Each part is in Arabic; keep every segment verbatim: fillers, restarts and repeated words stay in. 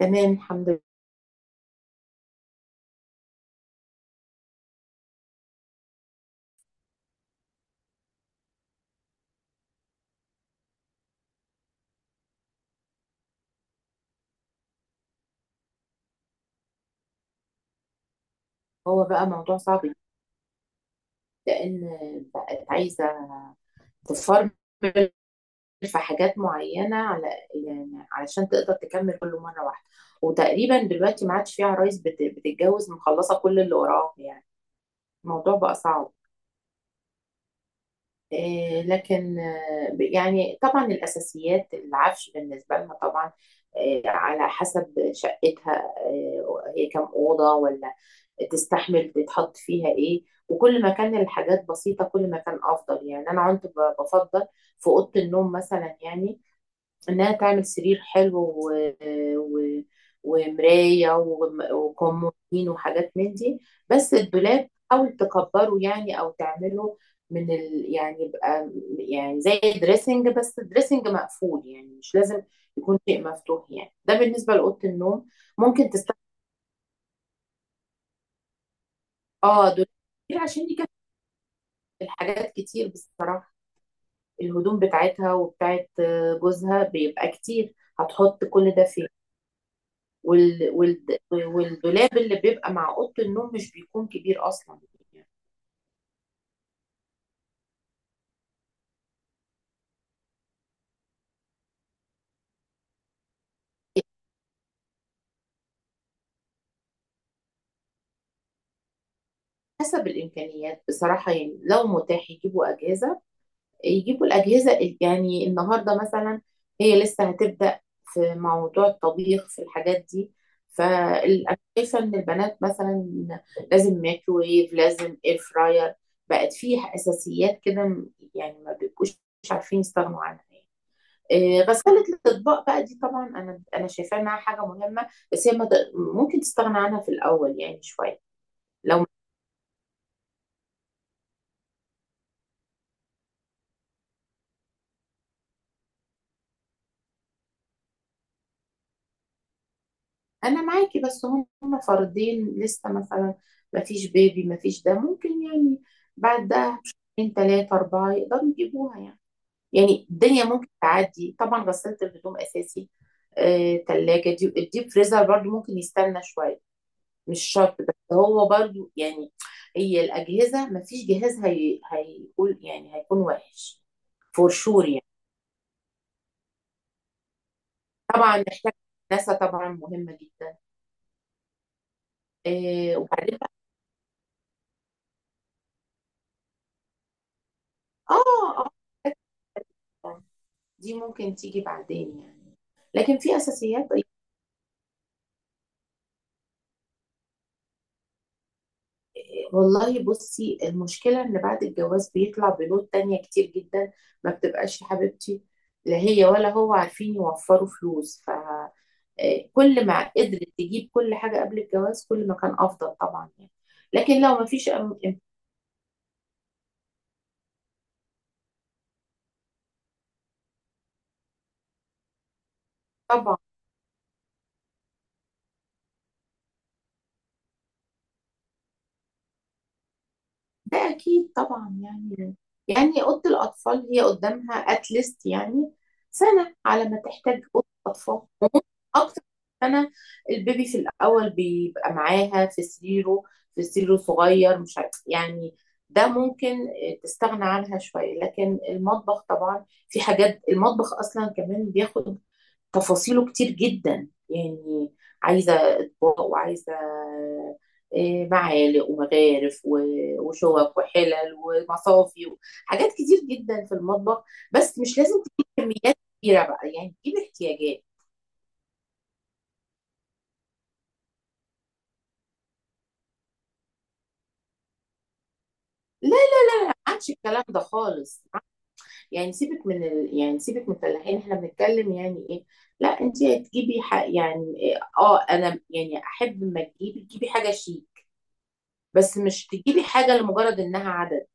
تمام، الحمد لله. هو بقى موضوع صعب جدا، لان بقت عايزه تفرمل في حاجات معينه، على يعني علشان تقدر تكمل كل مره واحده. وتقريبا دلوقتي ما عادش في عرايس بت- بتتجوز مخلصه كل اللي وراها يعني. الموضوع بقى صعب. آه، لكن آه، ب- يعني طبعا الأساسيات العفش بالنسبة لها طبعا. آه، على حسب شقتها، آه، هي كم أوضة ولا تستحمل تتحط فيها إيه. وكل ما كان الحاجات بسيطة كل ما كان أفضل يعني. أنا كنت ب- بفضل في أوضة النوم مثلا يعني انها تعمل سرير حلو و... و... ومرايه وم- وكمودين وحاجات من دي. بس الدولاب حاول تكبره يعني او تعمله من ال... يعني يبقى يعني زي دريسنج، بس دريسنج مقفول، يعني مش لازم يكون شيء مفتوح. يعني ده بالنسبه لاوضه النوم. ممكن تستخدم اه دولاب كتير عشان يكفي الحاجات. كتير بصراحه الهدوم بتاعتها وبتاعت جوزها بيبقى كتير، هتحط كل ده فين؟ وال... وال... والدولاب اللي بيبقى مع اوضه النوم مش بيكون كبير اصلا يعني. حسب الامكانيات بصراحه، يعني لو متاح يجيبوا اجهزه يجيبوا الاجهزه ال- يعني النهارده مثلا هي لسه هتبدا في موضوع الطبيخ في الحاجات دي. فانا شايفه ان البنات مثلا لازم ميكروويف، لازم اير فراير. بقت فيه اساسيات كده م- يعني ما بيبقوش عارفين يستغنوا عنها. آه، غسالة الأطباق بقى دي طبعا أنا أنا شايفاها إنها حاجة مهمة، بس هي ما تق- ممكن تستغنى عنها في الأول يعني شوية. لو أنا معاكي، بس هم فردين لسه مثلا، ما فيش بيبي ما فيش ده، ممكن يعني بعد ده بشهرين تلاتة أربعة يقدروا يجيبوها يعني. يعني الدنيا ممكن تعدي. طبعا غسالة الهدوم أساسي. آه، تلاجة دي الديب فريزر برضو ممكن يستنى شوية، مش شرط، بس هو برضو يعني هي الأجهزة مفيش جهاز هي... هيقول يعني هيكون وحش. فور شور يعني. طبعا نحتاج ناسا، طبعا مهمة جدا. إيه وبعدين بقى- اه، اه، دي ممكن تيجي بعدين يعني. لكن في اساسيات. والله بصي، المشكله ان بعد الجواز بيطلع بنود تانية كتير جدا. ما بتبقاش يا حبيبتي لا هي ولا هو عارفين يوفروا فلوس. آه، كل ما قدرت تجيب كل حاجة قبل الجواز كل ما كان أفضل طبعا يعني. لكن لو ما فيش أم- طبعا ده أكيد طبعا يعني. يعني أوضة الأطفال هي قدامها أتليست يعني سنة على ما تحتاج أوضة أطفال. وممكن أكتر من سنة. البيبي في الأول بيبقى معاها في سريره، في سريره صغير، مش عارف يعني. ده ممكن آه، تستغنى عنها شوية. لكن المطبخ طبعا في حاجات، المطبخ أصلا كمان بياخد تفاصيله كتير جدا يعني. عايزة أطباق وعايزة إيه، معالق ومغارف و- وشوك وحلل ومصافي، حاجات كتير جدا في المطبخ. بس مش لازم تجيب كميات كبيرة بقى، يعني تجيب احتياجات. لا ما عادش الكلام ده خالص. يعني سيبك من ال... يعني سيبك من الفلاحين، احنا بنتكلم يعني ايه. لا، انت تجيبي ح... يعني إيه، اه انا يعني احب لما تجيبي تجيبي حاجة شيك، بس مش تجيبي حاجة لمجرد انها عدد.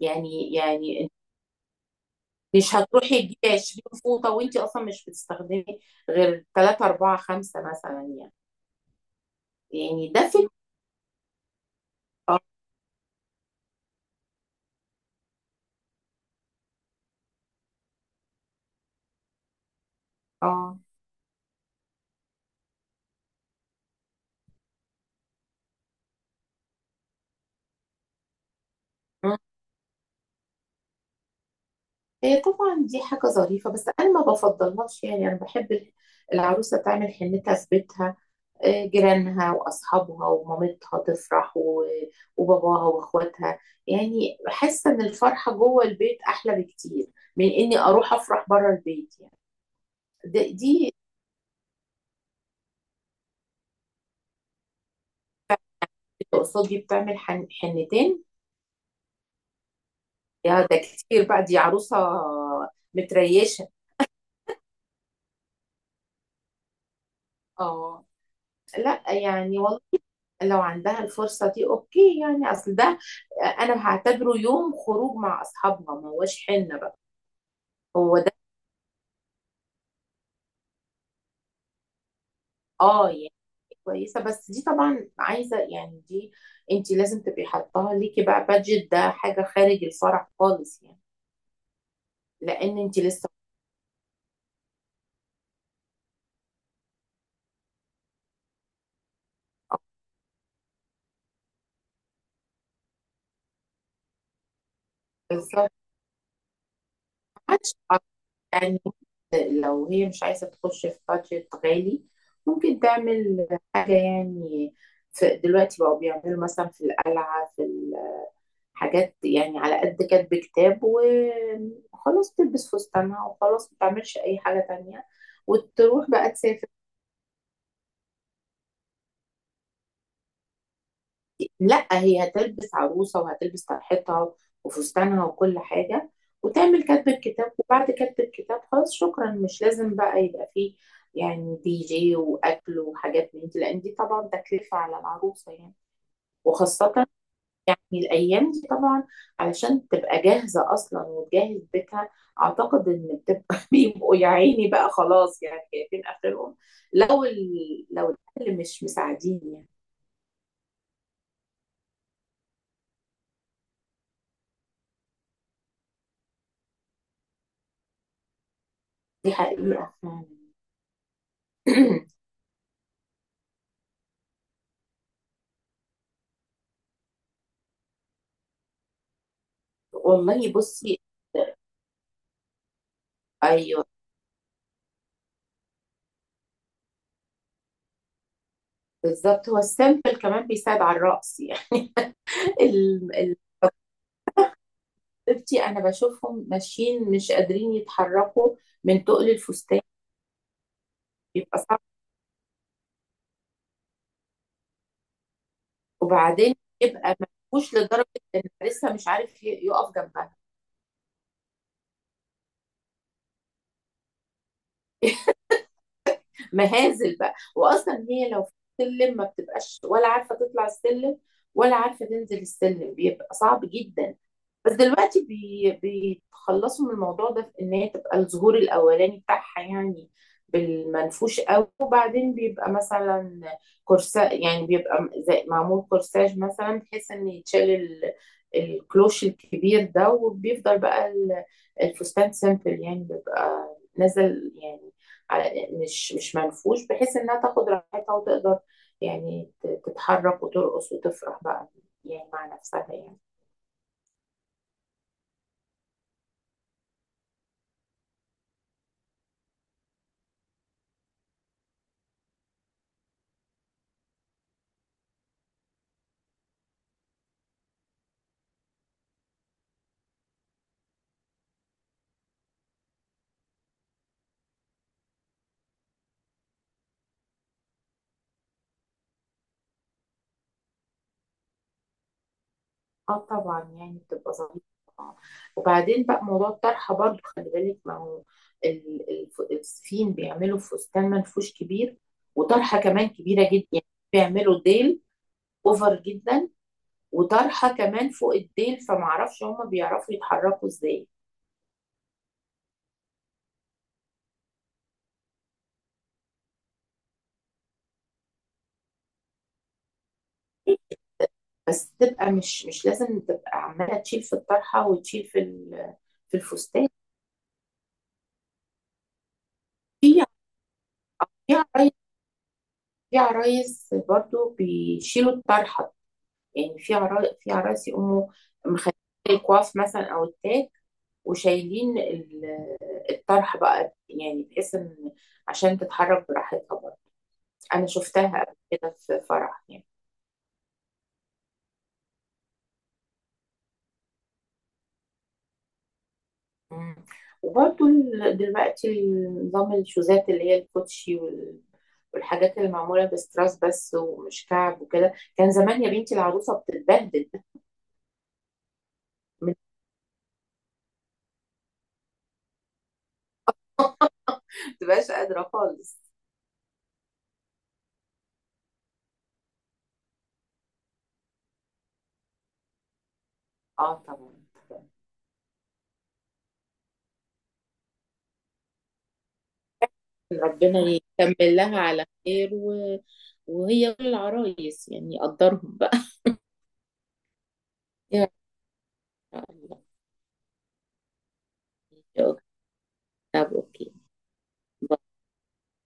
يعني يعني مش هتروحي تجيبي عشرين فوطة وانت اصلا مش بتستخدمي غير ثلاثة أربعة خمسة مثلا يعني. يعني ده فكرة. اه، آه. مم. هي طبعا دي حاجة ظريفة، بس انا ما بفضلهاش يعني. انا بحب ال- العروسة تعمل حنتها في بيتها، آه، جيرانها واصحابها ومامتها تفرح و- وباباها واخواتها. يعني حاسة ان الفرحة جوه البيت احلى بكتير من اني اروح افرح بره البيت يعني. ده- دي تقصدي بتعمل حن- حنتين؟ يا ده كتير بقى، دي عروسة متريشة. اه لا يعني والله، لو عندها الفرصة دي اوكي يعني. اصل ده انا هعتبره يوم خروج مع اصحابها، ما هوش حنة بقى. هو ده. اه يعني كويسة. بس دي طبعا عايزة يعني دي، انت لازم تبقي حطاها ليكي بقى بادجت، ده حاجة خارج الفرح خالص يعني. لان انت لسه ما يعني لو هي مش عايزة تخش في بادجت غالي، ممكن تعمل حاجة يعني. في دلوقتي بقوا بيعملوا مثلا في القلعة، في الحاجات، يعني على قد كاتب كتاب وخلاص، تلبس فستانها وخلاص، ما تعملش أي حاجة تانية، وتروح بقى تسافر. لا هي هتلبس عروسة وهتلبس طرحتها وفستانها وكل حاجة، وتعمل كتب الكتاب، وبعد كتب الكتاب خلاص شكرا، مش لازم بقى يبقى فيه يعني دي جي وأكل وحاجات من دي، لأن دي طبعا تكلفة على العروسة يعني. وخاصة الأيام دي طبعا، علشان تبقى جاهزة أصلا وتجهز بيتها، أعتقد إن بتبقى بيبقوا يا عيني بقى، خلاص يعني شايفين آخرهم، لو ال... لو الأهل مش مساعدين يعني. دي حقيقة فعلا. والله بصي. ايوه بالظبط، هو السامبل كمان بيساعد على الرقص يعني. ال- ال- حبيبتي انا بشوفهم ماشيين مش قادرين يتحركوا من تقل الفستان، بيبقى صعب. وبعدين يبقى مفهوش لدرجه ان لسه مش عارف ي- يقف جنبها. مهازل بقى. واصلا هي لو في السلم ما بتبقاش ولا عارفه تطلع السلم ولا عارفه تنزل السلم، بيبقى صعب جدا. بس دلوقتي بي... بيتخلصوا من الموضوع ده في ان هي تبقى الظهور الاولاني بتاعها يعني بالمنفوش قوي، وبعدين بيبقى مثلا كورسا يعني، بيبقى زي معمول كورساج مثلا، بحيث ان يتشال ال... الكلوش الكبير ده، وبيفضل بقى ال- الفستان سيمبل يعني، بيبقى نازل يعني، على مش مش منفوش، بحيث انها تاخد راحتها وتقدر يعني ت- تتحرك وترقص وتفرح بقى يعني مع نفسها يعني. اه طبعا يعني بتبقى ظريفة طبعا. وبعدين بقى موضوع الطرحة برضو خلي بالك، ما هو ال- الف- الصين بيعملوا فستان منفوش كبير وطرحة كمان كبيرة جدا يعني. بيعملوا ديل اوفر جدا، وطرحة كمان فوق الديل، فمعرفش هما بيعرفوا يتحركوا ازاي. بس تبقى مش، مش لازم تبقى عمالة تشيل في الطرحة وتشيل في ال- في الفستان. في في عرايس في عرايس برضو بيشيلوا الطرحة يعني. في عرا في عرايس يقوموا مخلين الكواف مثلا او التاج، وشايلين ال- الطرحه بقى يعني، بحيث ان عشان تتحرك براحتها برضه. انا شفتها قبل كده في فرح يعني. مم. وبرضه ال- دلوقتي نظام الشوزات اللي هي الكوتشي وال- والحاجات اللي معموله بستراس بس ومش كعب وكده. كان زمان يا بنتي العروسه بتتبهدل. ما بتبقاش قادره خالص. اه طبعا. ربنا يكمل لها على خير و... وهي كل العرايس يعني يقدرهم بقى. يا الله. طب اوكي.